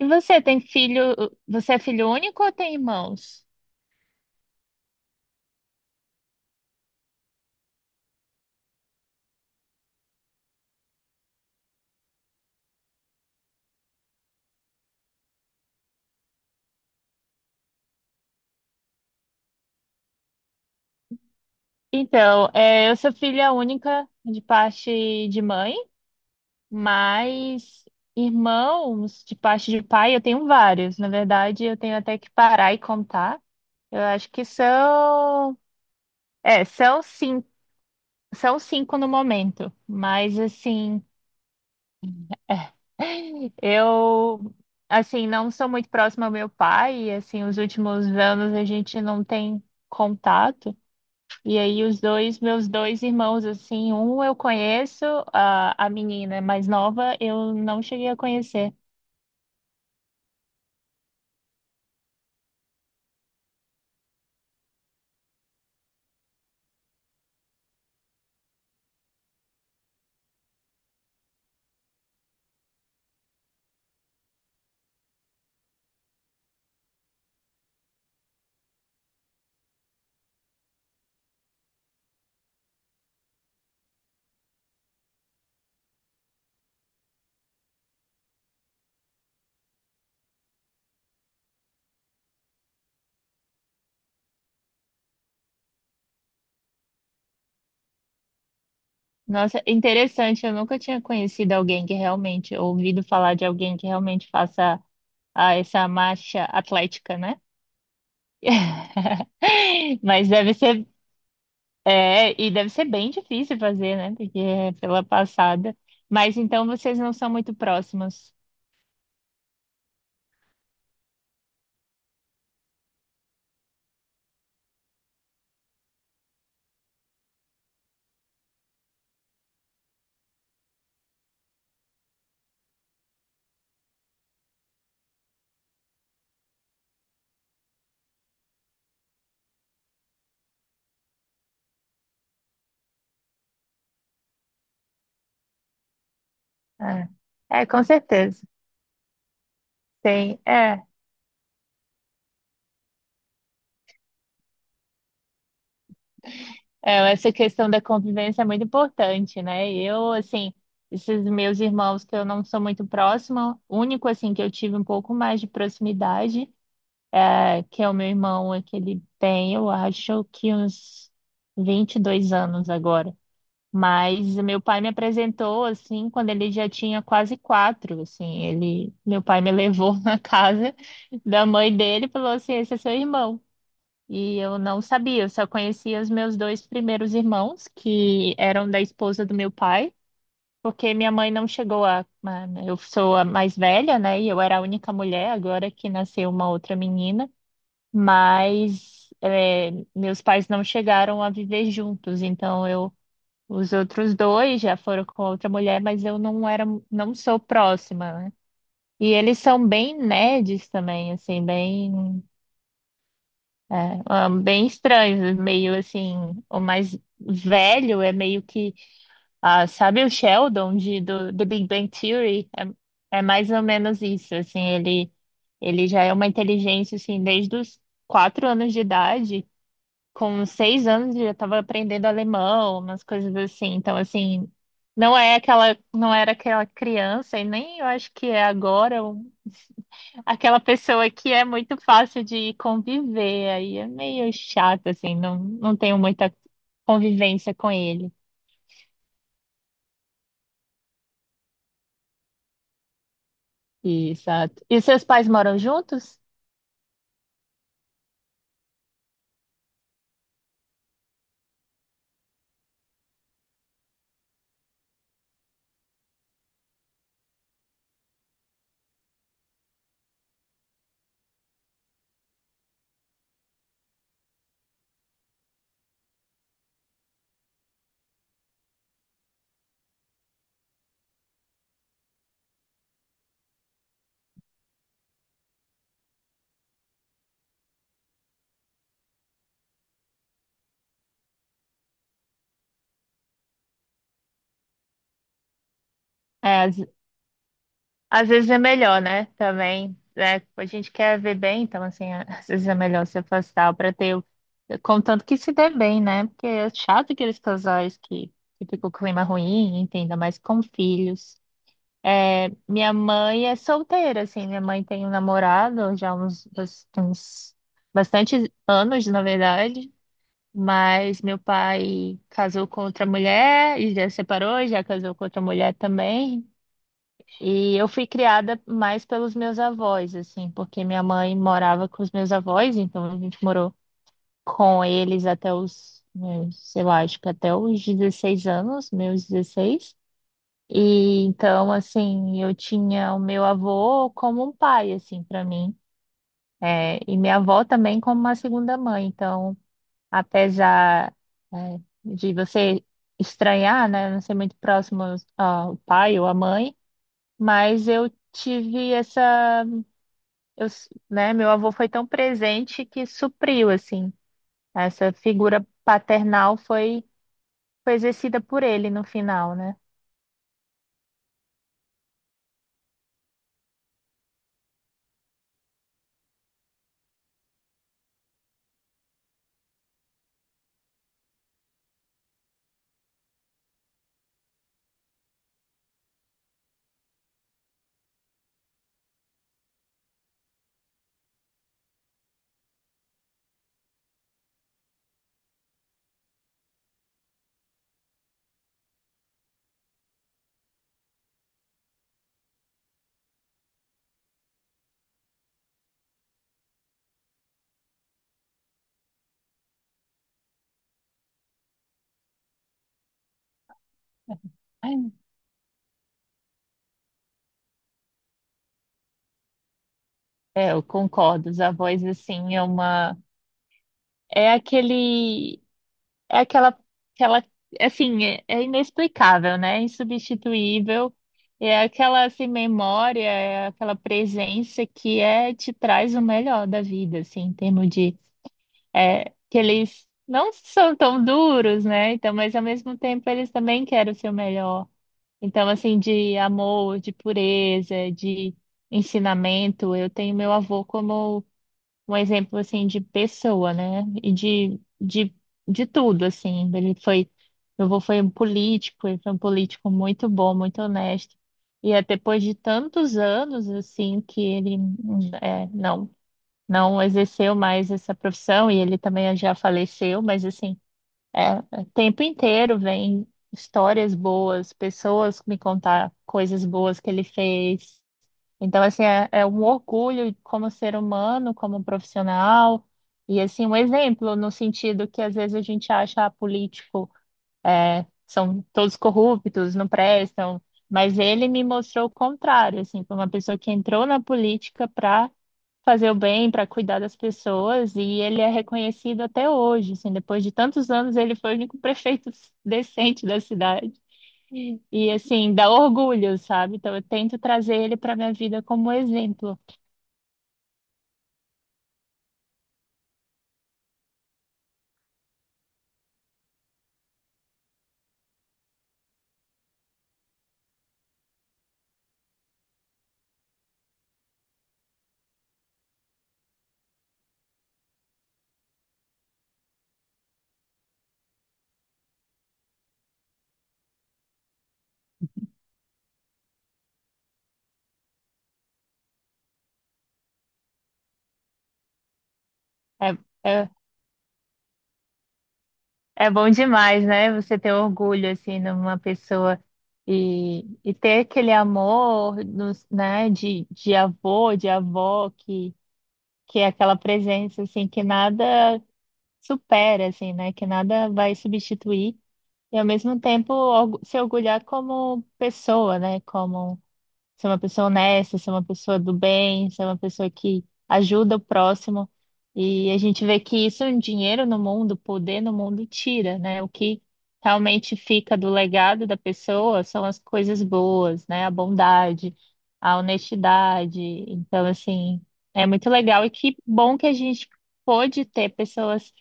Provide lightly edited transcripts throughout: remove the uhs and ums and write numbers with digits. E você tem filho? Você é filho único ou tem irmãos? Então, é, eu sou filha única de parte de mãe, mas irmãos de parte de pai eu tenho vários. Na verdade, eu tenho até que parar e contar. Eu acho que são, é, são 5, são 5 no momento, mas assim, é, eu assim não sou muito próxima ao meu pai, e, assim, os últimos anos a gente não tem contato. E aí os dois, meus dois irmãos, assim, um eu conheço, a menina mais nova eu não cheguei a conhecer. Nossa, interessante, eu nunca tinha conhecido alguém que realmente, ouvido falar de alguém que realmente faça ah, essa marcha atlética, né? Mas deve ser, é, e deve ser bem difícil fazer, né? Porque é pela passada. Mas então vocês não são muito próximos. Ah, é, com certeza. Tem, é. É, essa questão da convivência é muito importante, né? Eu, assim, esses meus irmãos que eu não sou muito próxima, o único, assim, que eu tive um pouco mais de proximidade, é, que é o meu irmão, é que ele tem, eu acho que uns 22 anos agora. Mas meu pai me apresentou, assim, quando ele já tinha quase quatro, assim, ele, meu pai me levou na casa da mãe dele e falou assim, esse é seu irmão. E eu não sabia, eu só conhecia os meus dois primeiros irmãos, que eram da esposa do meu pai, porque minha mãe não chegou a. a- Eu sou a mais velha, né? E eu era a única mulher, agora que nasceu uma outra menina. Mas é, meus pais não chegaram a viver juntos, então eu. Os outros dois já foram com outra mulher, mas eu não era, não sou próxima, né? E eles são bem nerds também, assim, bem. É, ah, bem estranhos, meio assim, o mais velho é meio que, ah, sabe o Sheldon de, do Big Bang Theory? É, é mais ou menos isso, assim, ele já é uma inteligência, assim, desde os quatro anos de idade, com 6 anos ele já estava aprendendo alemão, umas coisas assim, então, assim, não é aquela, não era aquela criança, e nem eu acho que é agora, um Aquela pessoa que é muito fácil de conviver, aí é meio chato, assim, não, não tenho muita convivência com ele. Exato. E seus pais moram juntos? É, às, às vezes é melhor, né? Também, né? A gente quer ver bem, então, assim, às vezes é melhor se afastar para ter, o- contanto que se dê bem, né? Porque é chato aqueles casais que fica o clima ruim, entenda, mais com filhos. Minha mãe é solteira, assim. Minha mãe tem um namorado já há uns, bas- uns bastantes anos, na verdade. Mas meu pai casou com outra mulher e já separou, já casou com outra mulher também. E eu fui criada mais pelos meus avós, assim, porque minha mãe morava com os meus avós, então a gente morou com eles até os, meus, sei lá, acho que até os 16 anos, meus 16 e então, assim, eu tinha o meu avô como um pai, assim, para mim. É, e minha avó também como uma segunda mãe. Então, apesar, é, de você estranhar, né, não ser muito próximo ao pai ou à mãe, mas eu tive essa, eu, s- né, meu avô foi tão presente que supriu, assim, essa figura paternal foi, foi exercida por ele no final, né? É, eu concordo. Os avós, assim, é uma. É aquele. É aquela. Aquela... Assim, é, é inexplicável, né? É insubstituível. É aquela, assim, memória, é aquela presença que é, te traz o melhor da vida, assim, em termos de. É, que eles não são tão duros, né? Então, mas ao mesmo tempo, eles também querem o seu melhor. Então, assim, de amor, de pureza, de ensinamento. Eu tenho meu avô como um exemplo assim de pessoa, né? E de, de tudo, assim. Ele foi, meu avô foi um político, ele foi um político muito bom, muito honesto. E é depois de tantos anos, assim, que ele é, não, não exerceu mais essa profissão, e ele também já faleceu, mas assim, é, o tempo inteiro vem histórias boas, pessoas me contar coisas boas que ele fez. Então, assim, é, é um orgulho como ser humano, como profissional, e assim, um exemplo no sentido que às vezes a gente acha ah, político, é, são todos corruptos, não prestam, mas ele me mostrou o contrário, assim, foi uma pessoa que entrou na política para fazer o bem, para cuidar das pessoas, e ele é reconhecido até hoje, assim, depois de tantos anos, ele foi o único prefeito decente da cidade. E assim, dá orgulho, sabe? Então eu tento trazer ele para minha vida como exemplo. É, é, é bom demais, né? Você ter orgulho assim numa pessoa e ter aquele amor nos, né, de avô, de avó, que é aquela presença assim que nada supera, assim, né? Que nada vai substituir. E ao mesmo tempo orgu- se orgulhar como pessoa, né? Como ser uma pessoa honesta, ser uma pessoa do bem, ser uma pessoa que ajuda o próximo. E a gente vê que isso, um dinheiro no mundo, poder no mundo tira, né? O que realmente fica do legado da pessoa são as coisas boas, né? A bondade, a honestidade. Então, assim, é muito legal e que bom que a gente pôde ter pessoas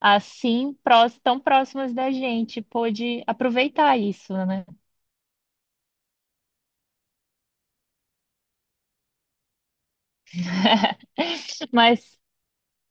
assim, prós- tão próximas da gente, pôde aproveitar isso, né? Mas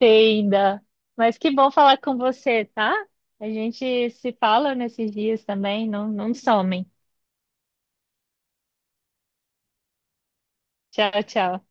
entenda. Mas que bom falar com você, tá? A gente se fala nesses dias também, não, não somem. Tchau, tchau.